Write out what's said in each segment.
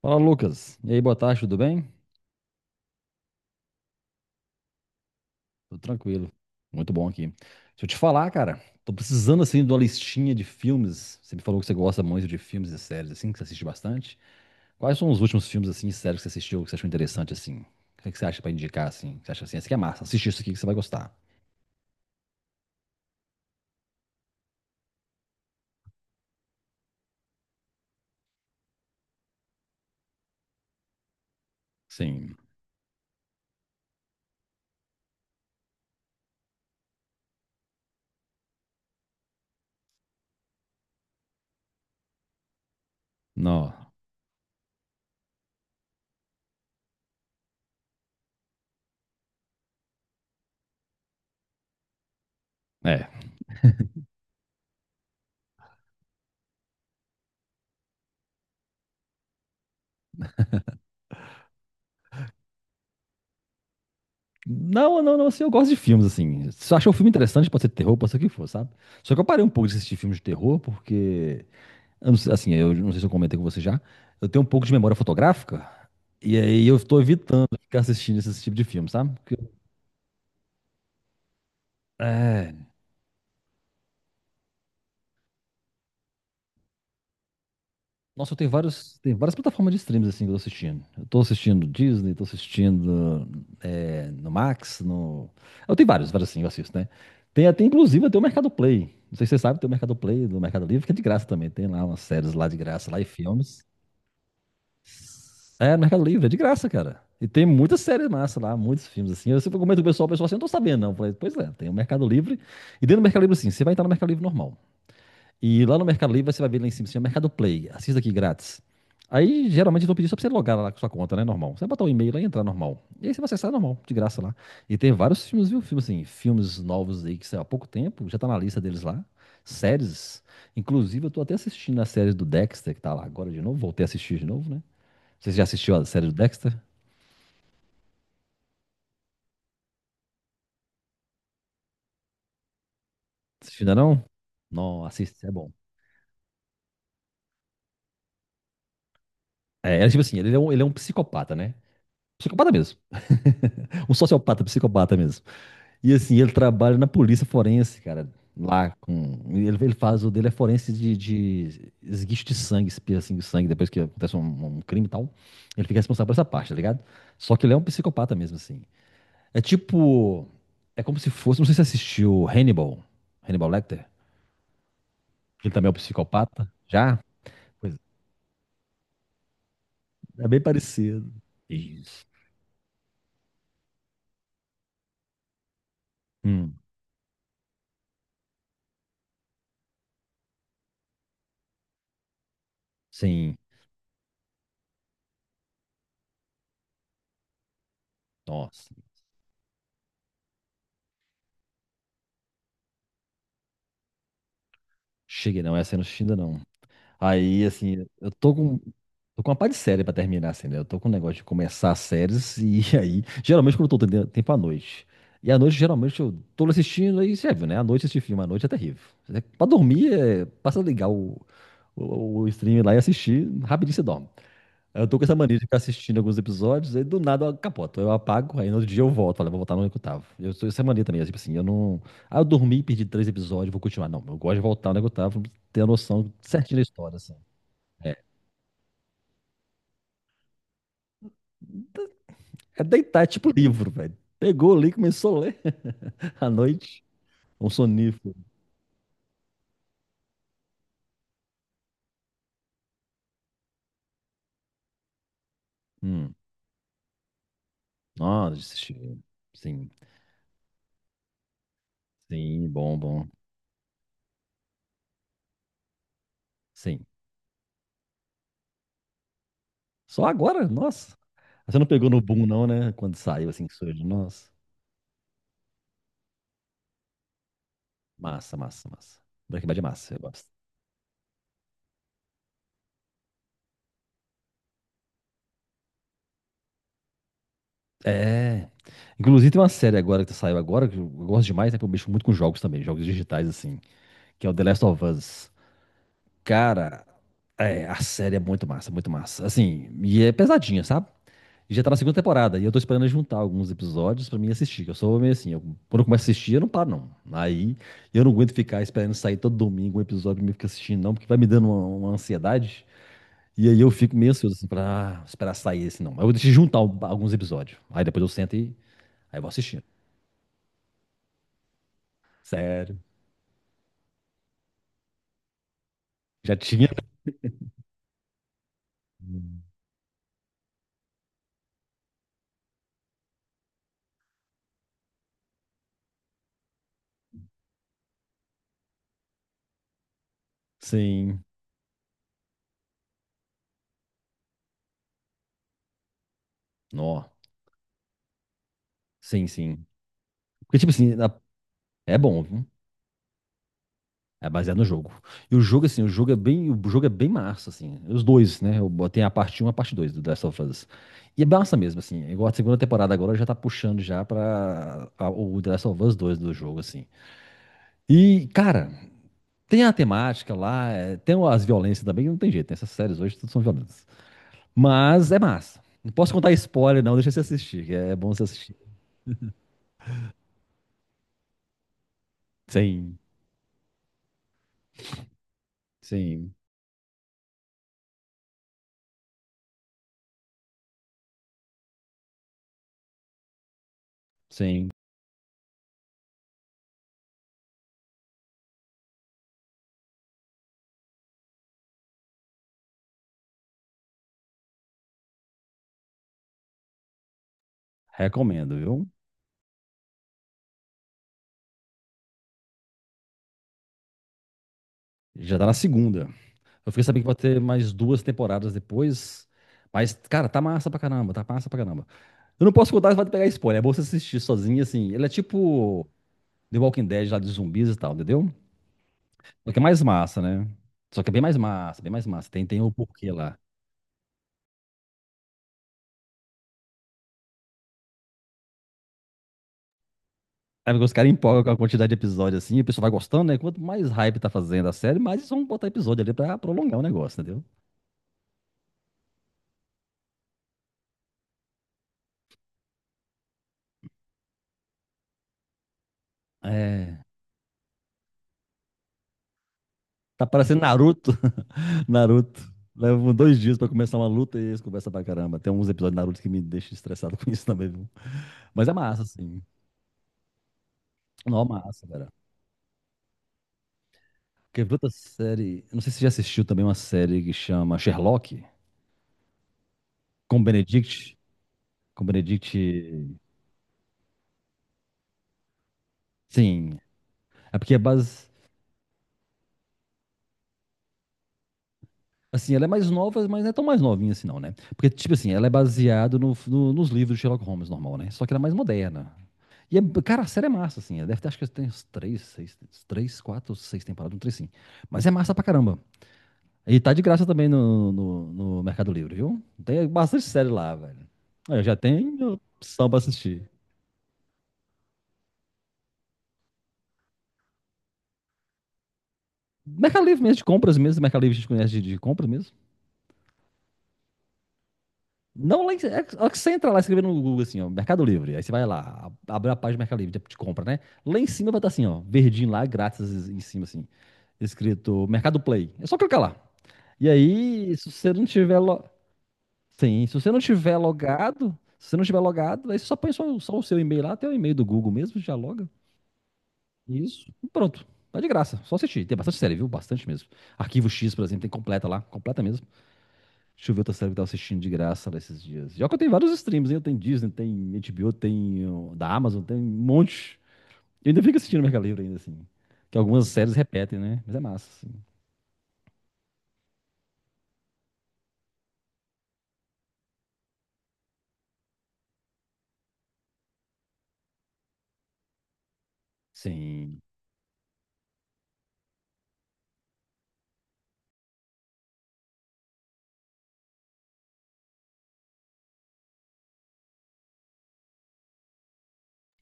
Fala, Lucas. E aí, boa tarde, tudo bem? Tudo tranquilo. Muito bom aqui. Deixa eu te falar, cara. Tô precisando, assim, de uma listinha de filmes. Você me falou que você gosta muito de filmes e séries, assim, que você assiste bastante. Quais são os últimos filmes, assim, e séries que você assistiu, que você achou interessante, assim? O que é que você acha pra indicar, assim? Você acha assim, esse aqui é massa, assiste isso aqui que você vai gostar. Sim. Não. É. Não, não, não, assim, eu gosto de filmes, assim. Se você achou um filme interessante, pode ser terror, pode ser o que for, sabe? Só que eu parei um pouco de assistir filmes de terror, porque eu não sei se eu comentei com você já, eu tenho um pouco de memória fotográfica, e aí eu tô evitando ficar assistindo esse tipo de filme, sabe? Porque é, nossa, eu tenho vários, tem várias plataformas de streams assim que eu tô assistindo. Eu tô assistindo Disney, tô assistindo no Max, no... Eu tenho vários, vários assim, eu assisto, né? Tem até, inclusive, até o Mercado Play. Não sei se você sabe, tem o Mercado Play do Mercado Livre, que é de graça também. Tem lá umas séries lá de graça, lá e filmes. É, no Mercado Livre, é de graça, cara. E tem muitas séries massa lá, muitos filmes assim. Eu sempre comento com o pessoal assim, eu não tô sabendo, não. Eu falei, pois é, tem o Mercado Livre. E dentro do Mercado Livre, assim, você vai entrar no Mercado Livre normal. E lá no Mercado Livre, você vai ver lá em cima, assim, o Mercado Play. Assista aqui grátis. Aí, geralmente, eu tô pedindo só pra você logar lá com sua conta, né? Normal. Você vai botar o e-mail lá e entrar normal. E aí você vai acessar normal, de graça lá. E tem vários filmes, viu? Filmes assim, filmes novos aí que saiu há pouco tempo, já tá na lista deles lá. Séries. Inclusive, eu tô até assistindo a série do Dexter, que tá lá agora de novo. Voltei a assistir de novo, né? Você já assistiu a série do Dexter? Assistiu ainda não? Não, assiste, é bom. É, é tipo assim, ele é um psicopata, né? Psicopata mesmo. Um sociopata, psicopata mesmo. E assim, ele trabalha na polícia forense, cara. Lá com. Ele faz o dele é forense de esguicho de sangue, espirra assim, de sangue, depois que acontece um crime e tal. Ele fica responsável por essa parte, tá ligado? Só que ele é um psicopata mesmo, assim. É tipo. É como se fosse. Não sei se você assistiu Hannibal. Hannibal Lecter. Ele também é um psicopata. Já? Pois é bem parecido. Isso. Hum, sim. Nossa. Cheguei, não. Essa eu não assisti ainda, não. Aí, assim, eu tô com. Tô com uma pá de série pra terminar, assim, né? Eu tô com um negócio de começar as séries e aí. Geralmente, quando eu tô tendo tempo à noite. E à noite, geralmente, eu tô assistindo e você viu, né? À noite, assistir filme à noite é terrível. Pra dormir, é... basta ligar o stream lá e assistir, rapidinho você dorme. Eu tô com essa mania de ficar assistindo alguns episódios, aí do nada eu capoto. Eu apago, aí no outro dia eu volto. Falo, vou voltar no que eu tava. Eu sou essa mania também, é tipo assim, eu não. Ah, eu dormi, perdi três episódios, vou continuar. Não, eu gosto de voltar no que eu tava, ter a noção certinha da história, assim. É, é deitar, é tipo livro, velho. Pegou ali, começou a ler. À noite, um sonífero. Hum, nossa, assisti. Sim, sim, bom, bom. Sim. Só agora? Nossa. Você não pegou no boom, não, né? Quando saiu, assim, que surge. Nossa. Massa, massa, massa. Breaking Bad é massa, eu gosto. É. Inclusive tem uma série agora que saiu agora, que eu gosto demais, né? Que eu mexo muito com jogos também, jogos digitais, assim, que é o The Last of Us. Cara, é, a série é muito massa, muito massa. Assim, e é pesadinha, sabe? E já tá na segunda temporada, e eu tô esperando juntar alguns episódios pra mim assistir. Que eu sou meio assim, eu- quando eu começo a assistir, eu não paro, não. Aí eu não aguento ficar esperando sair todo domingo um episódio pra mim ficar assistindo, não, porque vai me dando uma ansiedade. E aí eu fico meio ansioso, assim, pra ah, esperar sair esse não. Mas eu vou deixar juntar al- alguns episódios. Aí depois eu sento e aí eu vou assistindo. Sério. Já tinha. Sim. Nó. Sim, sim. Porque, tipo assim, na- é bom, viu? É baseado no jogo. E o jogo, assim, o jogo é bem, o jogo é bem massa, assim. Os dois, né? Eu botei a parte um e a parte 2 do Last of Us. E é massa mesmo, assim. É Igual a segunda temporada agora já tá puxando já pra a- o The Last of Us 2 do jogo, assim. E, cara, tem a temática lá, é, tem as violências também, que não tem jeito, né? Essas séries hoje tudo são violentas. Mas é massa. Não posso contar spoiler, não, deixa você assistir, que é bom você assistir. Sim, sim, sim. Recomendo, viu? Já tá na segunda. Eu fiquei sabendo que vai ter mais duas temporadas depois. Mas, cara, tá massa pra caramba, tá massa pra caramba. Eu não posso contar, você vai pegar spoiler. É bom você assistir sozinho, assim. Ele é tipo The Walking Dead lá de zumbis e tal, entendeu? Só que é mais massa, né? Só que é bem mais massa, bem mais massa. Tem, tem o porquê lá. É porque os caras empolgam com a quantidade de episódios assim, o pessoal vai gostando, né? Quanto mais hype tá fazendo a série, mais eles vão botar episódio ali pra prolongar o negócio, entendeu? É. Tá parecendo Naruto. Naruto. Levam dois dias pra começar uma luta e eles conversam pra caramba. Tem uns episódios de Naruto que me deixam estressado com isso também, viu? Mas é massa, assim. Não, é massa, cara. Porque vi outra série. Eu Não sei se você já assistiu também uma série que chama Sherlock, com Benedict. Com Benedict. Sim. É porque é base. Assim, ela é mais nova, mas não é tão mais novinha assim, não, né? Porque, tipo assim, ela é baseada nos livros de Sherlock Holmes normal, né? Só que ela é mais moderna. E, é, cara, a série é massa, assim. Ela deve ter, acho que tem uns três, seis, três, quatro, seis temporadas, um três, sim. Mas é massa pra caramba. E tá de graça também no Mercado Livre, viu? Tem bastante série lá, velho. Aí, eu já tenho opção pra assistir. Mercado Livre mesmo, de compras mesmo. Mercado Livre a gente conhece de compras mesmo. Não, lá, em- é que você entra lá escrevendo no Google assim, ó, Mercado Livre. Aí você vai lá, a- abre a página do Mercado Livre de compra, né? Lá em cima vai estar assim, ó, verdinho lá, grátis em cima, assim, escrito Mercado Play. É só clicar lá. E aí, se você não tiver lo... Sim, se você não tiver logado, se você não tiver logado, aí você só põe só o seu e-mail lá, até o e-mail do Google mesmo, já loga. Isso. E pronto. Tá de graça. Só assistir. Tem bastante série, viu? Bastante mesmo. Arquivo X, por exemplo, tem completa lá, completa mesmo. Deixa eu ver outra série que eu tava assistindo de graça lá esses dias. Já que eu tenho vários streams, hein? Eu tenho Disney, tem HBO, tem ó, da Amazon, tem um monte. Eu ainda fico assistindo Mercado Livre ainda, assim. Que algumas séries repetem, né? Mas é massa, assim. Sim.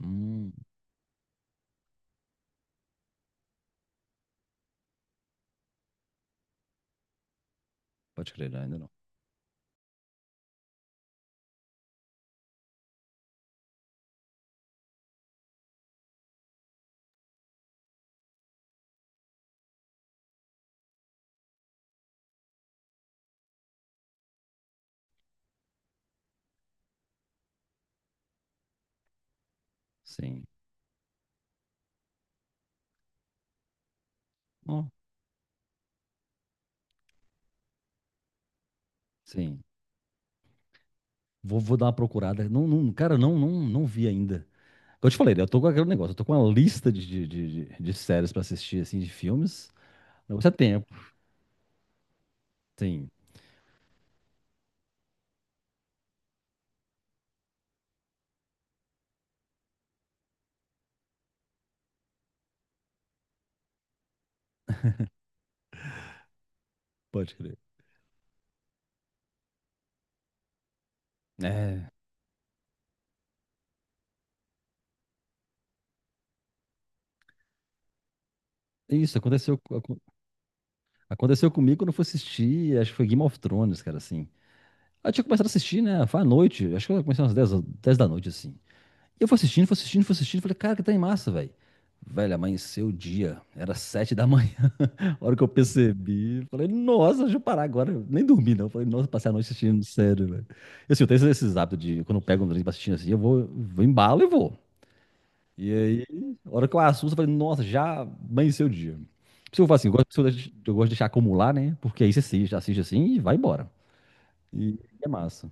Hum, pode crer, ainda não. Sim. Ó, sim. Vou, vou dar uma procurada. Não, não, cara, não, não, não vi ainda. Como eu te falei, né, eu tô com aquele negócio, eu tô com uma lista de séries pra assistir, assim, de filmes. Não precisa tempo. Sim, pode crer. É, isso, aconteceu. Aconteceu comigo quando eu fui assistir, acho que foi Game of Thrones, cara, assim. Aí eu tinha começado a assistir, né? Foi à noite, acho que eu comecei umas 10, 10 da noite, assim. E eu fui assistindo, fui assistindo, fui assistindo, falei, cara, que tá em massa, velho. Velho, amanheceu o dia, era 7 da manhã, a hora que eu percebi. Falei, nossa, deixa eu parar agora. Eu nem dormi, não. Falei, nossa, passei a noite assistindo, sério, velho. E assim, eu tenho esses hábitos de, quando eu pego um drink pra assistir, assim, eu vou, vou embalo e vou. E aí, a hora que eu assusto, eu falei, nossa, já amanheceu o dia. Por isso que eu falo assim, eu gosto, eu gosto de deixar acumular, né? Porque aí você assiste, assiste assim e vai embora. E é massa.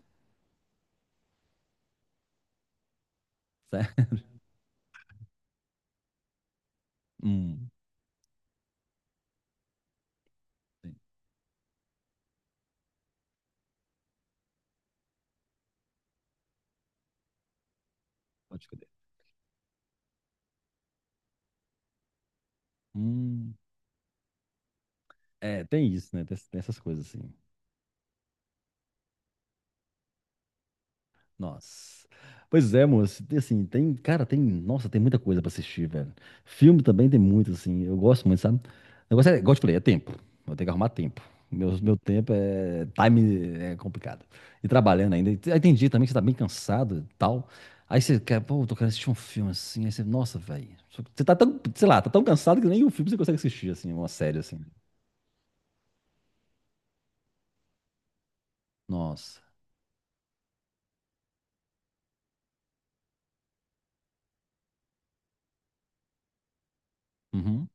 Certo? Hum, sim, pode escolher. Hum, é, tem isso, né? Tem, tem essas coisas assim. Nossa. Pois é, moço. Tem, assim, tem, cara, tem, nossa, tem muita coisa pra assistir, velho. Filme também tem muito, assim. Eu gosto muito, sabe? O negócio é, igual eu te falei, é tempo. Eu tenho que arrumar tempo. Meu tempo é, time é complicado. E trabalhando ainda. E te- Aí tem dia também que você tá bem cansado e tal. Aí você quer, pô, tô querendo assistir um filme assim. Aí você, nossa, velho. Você tá tão, sei lá, tá tão cansado que nem um filme você consegue assistir, assim, uma série, assim. Nossa. Uhum.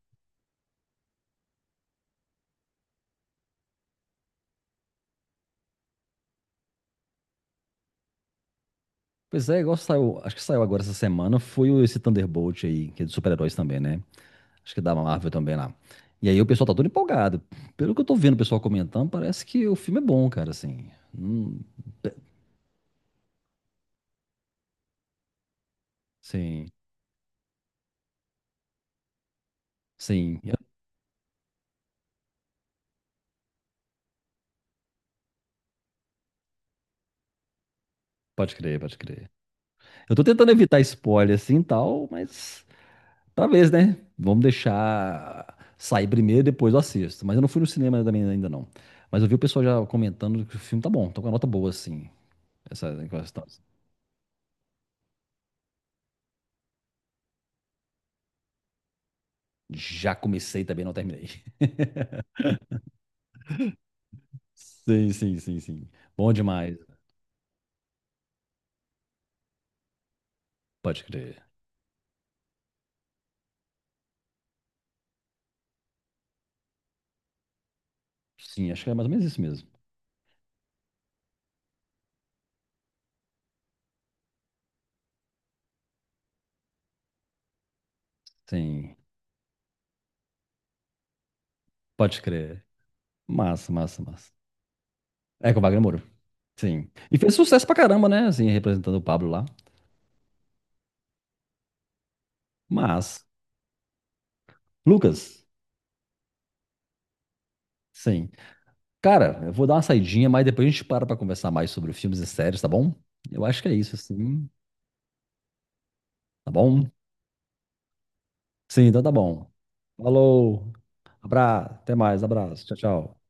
Pois é, igual saiu, acho que saiu agora essa semana, foi o- esse Thunderbolt aí, que é de super-heróis também, né? Acho que é da Marvel também lá. E aí o pessoal tá todo empolgado. Pelo que eu tô vendo o pessoal comentando, parece que o filme é bom, cara, assim. Hum, pe- sim, sim. eu- Pode crer, pode crer. Eu tô tentando evitar spoiler assim e tal, mas talvez, né? Vamos deixar sair primeiro, depois eu assisto. Mas eu não fui no cinema também ainda não. Mas eu vi o pessoal já comentando que o filme tá bom, tô com a nota boa, assim. Essa questão. Já comecei também, não terminei. Sim, sim, sim, sim. Bom demais. Pode crer. Sim, acho que é mais ou menos isso mesmo. Sim, pode crer. Massa, massa, massa. É com o Wagner Moura. Sim. E fez sucesso pra caramba, né? Assim, representando o Pablo lá. Mas, Lucas, sim. Cara, eu vou dar uma saidinha, mas depois a gente para pra conversar mais sobre filmes e séries, tá bom? Eu acho que é isso, assim. Tá bom? Sim, então tá bom. Falou. Abraço. Até mais. Abraço. Tchau, tchau.